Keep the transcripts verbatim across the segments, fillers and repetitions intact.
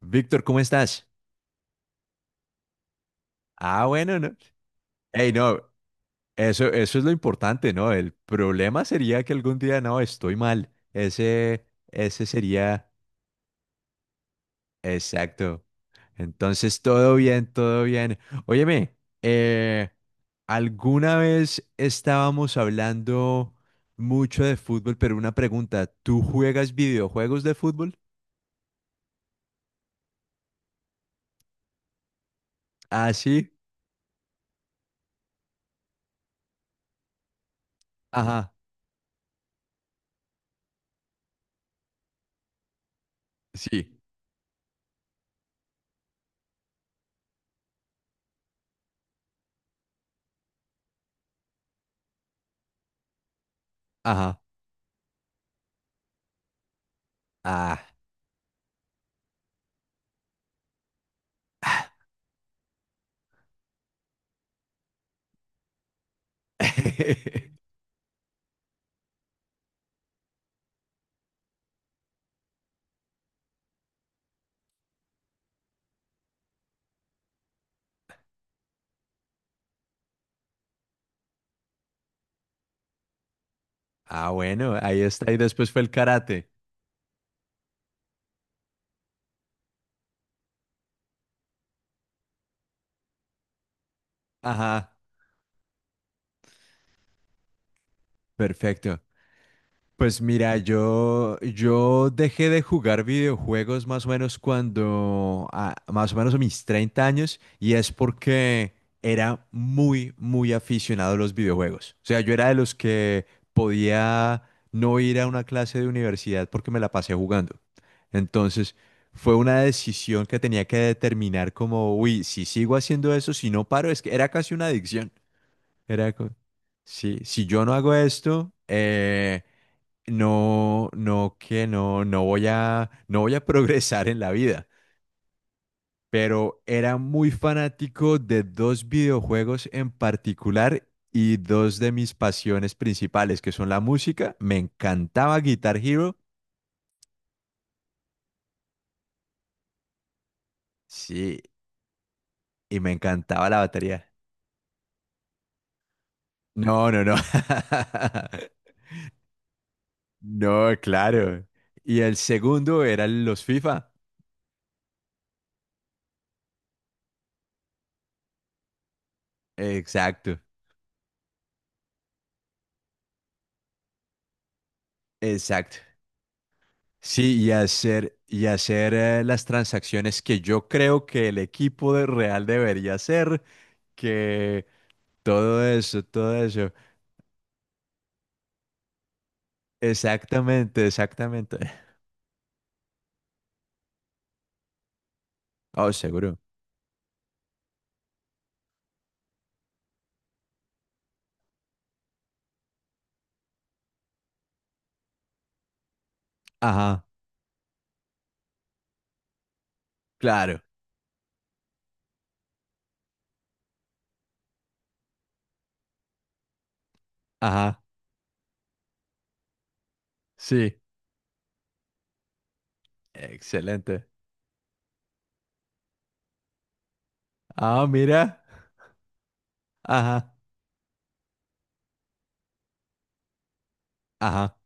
Víctor, ¿cómo estás? Ah, bueno, no. Hey, no, eso, eso es lo importante, ¿no? El problema sería que algún día, no, estoy mal. Ese, ese sería, exacto. Entonces, todo bien, todo bien. Óyeme, eh, alguna vez estábamos hablando mucho de fútbol, pero una pregunta, ¿tú juegas videojuegos de fútbol? Ah, sí. Ajá. Sí. Ajá. Ah. Ah, bueno, ahí está. Y después fue el karate. Ajá, perfecto. Pues mira, yo, yo dejé de jugar videojuegos más o menos cuando, ah, más o menos a mis treinta años, y es porque era muy, muy aficionado a los videojuegos. O sea, yo era de los que podía no ir a una clase de universidad porque me la pasé jugando. Entonces, fue una decisión que tenía que determinar como, uy, si sigo haciendo eso, si no paro, es que era casi una adicción. Era co- sí, si yo no hago esto, eh, no, no, que no, no voy a, no voy a progresar en la vida. Pero era muy fanático de dos videojuegos en particular y dos de mis pasiones principales, que son la música. Me encantaba Guitar Hero, sí, y me encantaba la batería. No, no, no. No, claro. Y el segundo eran los FIFA. Exacto, exacto. Sí, y hacer, y hacer eh, las transacciones que yo creo que el equipo de Real debería hacer, que todo eso, todo eso. Exactamente, exactamente. Oh, seguro. Ajá, claro. Ajá, sí. Excelente. Ah, mira. Ajá, ajá,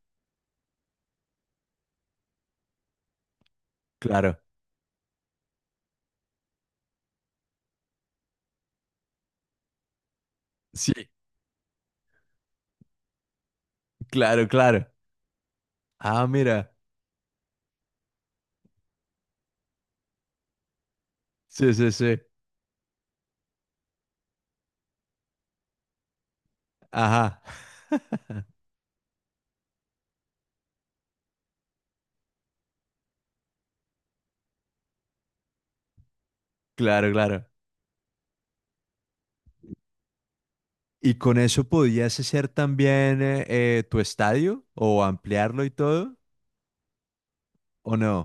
claro. Sí, claro, claro. Ah, mira. Sí, sí, sí. Ajá. Claro, claro. ¿Y con eso podías hacer también eh, eh, tu estadio o ampliarlo y todo? ¿O no?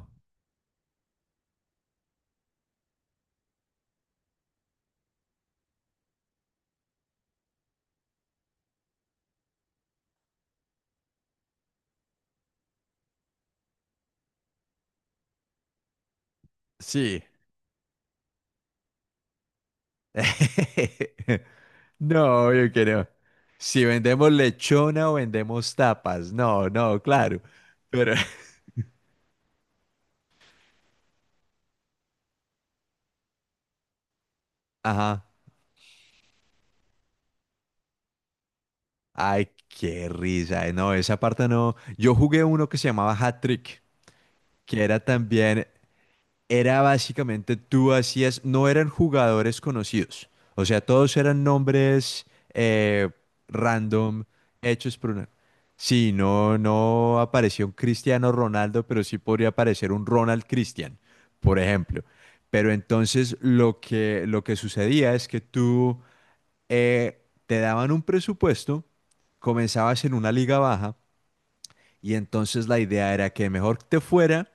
Sí. No, yo que no. Si vendemos lechona o vendemos tapas. No, no, claro. Pero, ajá. Ay, qué risa. eh, No, esa parte no. Yo jugué uno que se llamaba Hat Trick, que era también era básicamente tú hacías, no eran jugadores conocidos, o sea, todos eran nombres eh, random hechos por una... Sí, no, no apareció un Cristiano Ronaldo, pero sí podría aparecer un Ronald Cristian, por ejemplo. Pero entonces lo que, lo que sucedía es que tú eh, te daban un presupuesto, comenzabas en una liga baja y entonces la idea era que mejor te fuera,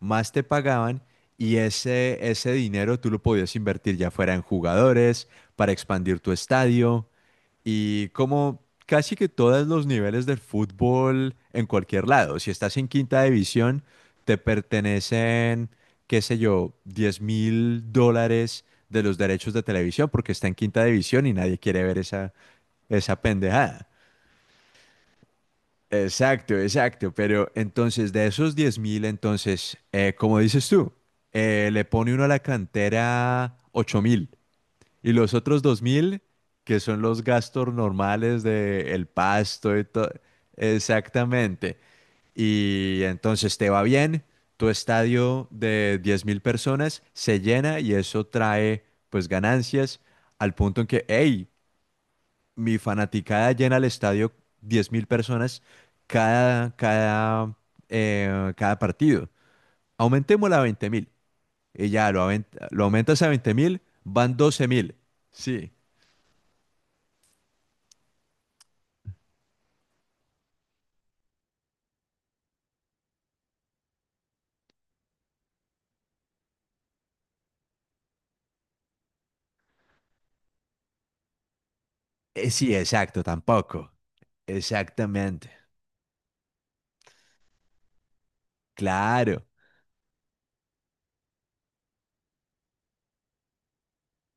más te pagaban, y ese, ese dinero tú lo podías invertir ya fuera en jugadores, para expandir tu estadio, y como casi que todos los niveles del fútbol en cualquier lado. Si estás en quinta división, te pertenecen, qué sé yo, diez mil dólares de los derechos de televisión porque está en quinta división y nadie quiere ver esa, esa pendejada. Exacto, exacto. Pero entonces, de esos diez mil, entonces, eh, como dices tú, eh, le pone uno a la cantera ocho mil y los otros dos mil, que son los gastos normales de el pasto y todo. Exactamente. Y entonces te va bien, tu estadio de diez mil personas se llena y eso trae pues ganancias al punto en que, hey, mi fanaticada llena el estadio diez mil personas cada, cada, eh, cada partido. Aumentémosla a veinte mil. Y ya lo, aument- lo aumentas a veinte mil, van doce mil. Sí. Eh, sí, exacto, tampoco. Exactamente. Claro.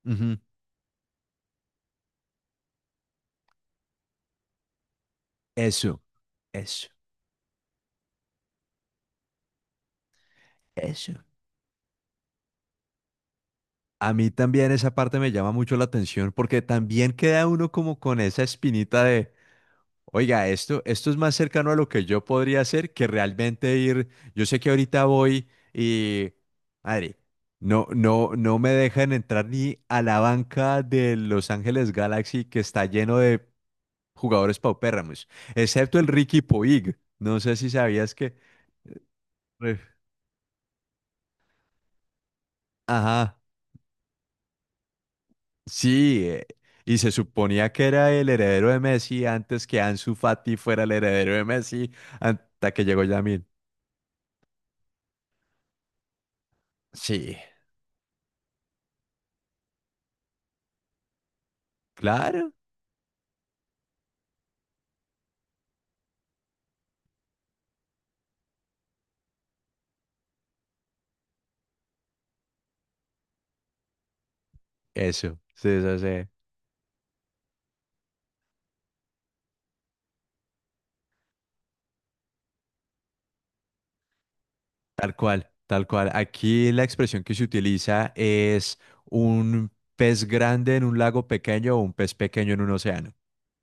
Ujú. Eso, eso, eso. A mí también esa parte me llama mucho la atención porque también queda uno como con esa espinita de, oiga, esto, esto es más cercano a lo que yo podría hacer que realmente ir. Yo sé que ahorita voy y, madre, no, no, no me dejan entrar ni a la banca de Los Ángeles Galaxy, que está lleno de jugadores paupérrimos, excepto el Ricky Puig. No sé si sabías. Que. Re- Ajá, sí. eh, Y se suponía que era el heredero de Messi antes que Ansu Fati fuera el heredero de Messi, hasta que llegó Yamil. Sí, claro. Eso, sí, eso sí. Tal cual, tal cual. Aquí la expresión que se utiliza es un pez grande en un lago pequeño o un pez pequeño en un océano.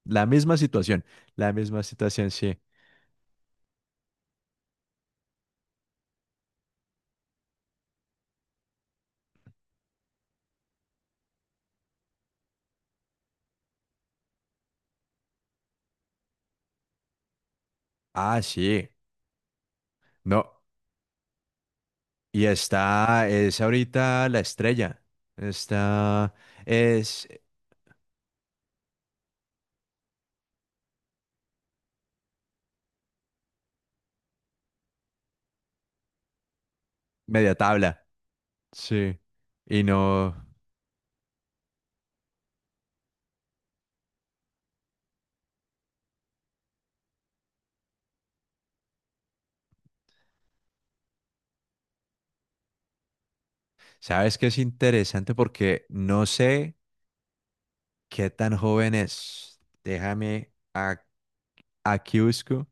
La misma situación, la misma situación, sí. Ah, sí. No. Y está, es ahorita la estrella. Está, es media tabla. Sí. Y no, ¿sabes qué es interesante? Porque no sé qué tan joven es. Déjame, a- aquí busco.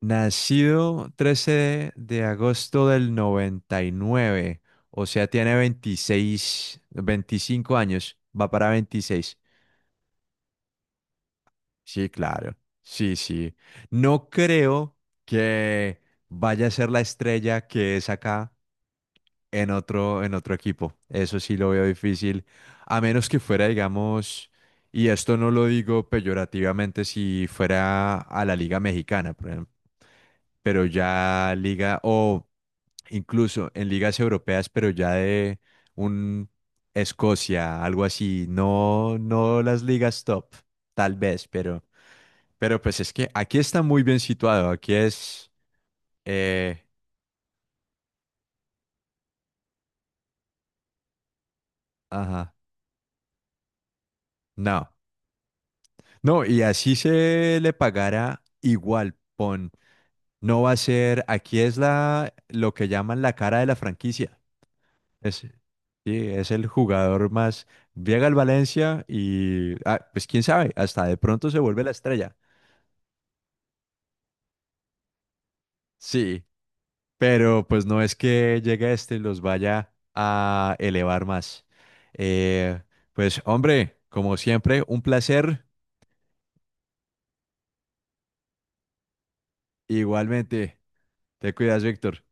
Nacido trece de agosto del noventa y nueve, o sea, tiene veintiséis, veinticinco años, va para veintiséis. Sí, claro, sí, sí. No creo que vaya a ser la estrella que es acá en otro, en otro equipo. Eso sí lo veo difícil, a menos que fuera, digamos, y esto no lo digo peyorativamente, si fuera a la Liga Mexicana, por ejemplo, pero ya Liga o... incluso en ligas europeas, pero ya de un Escocia, algo así, no, no las ligas top, tal vez, pero, pero pues es que aquí está muy bien situado, aquí es, eh, ajá, no, no, y así se le pagará igual, pon, no va a ser, aquí es la, lo que llaman la cara de la franquicia, es, sí, es el jugador más, llega al Valencia y, ah, pues quién sabe, hasta de pronto se vuelve la estrella. Sí, pero pues no es que llegue este y los vaya a elevar más. Eh, pues hombre, como siempre, un placer. Igualmente, te cuidas, Víctor.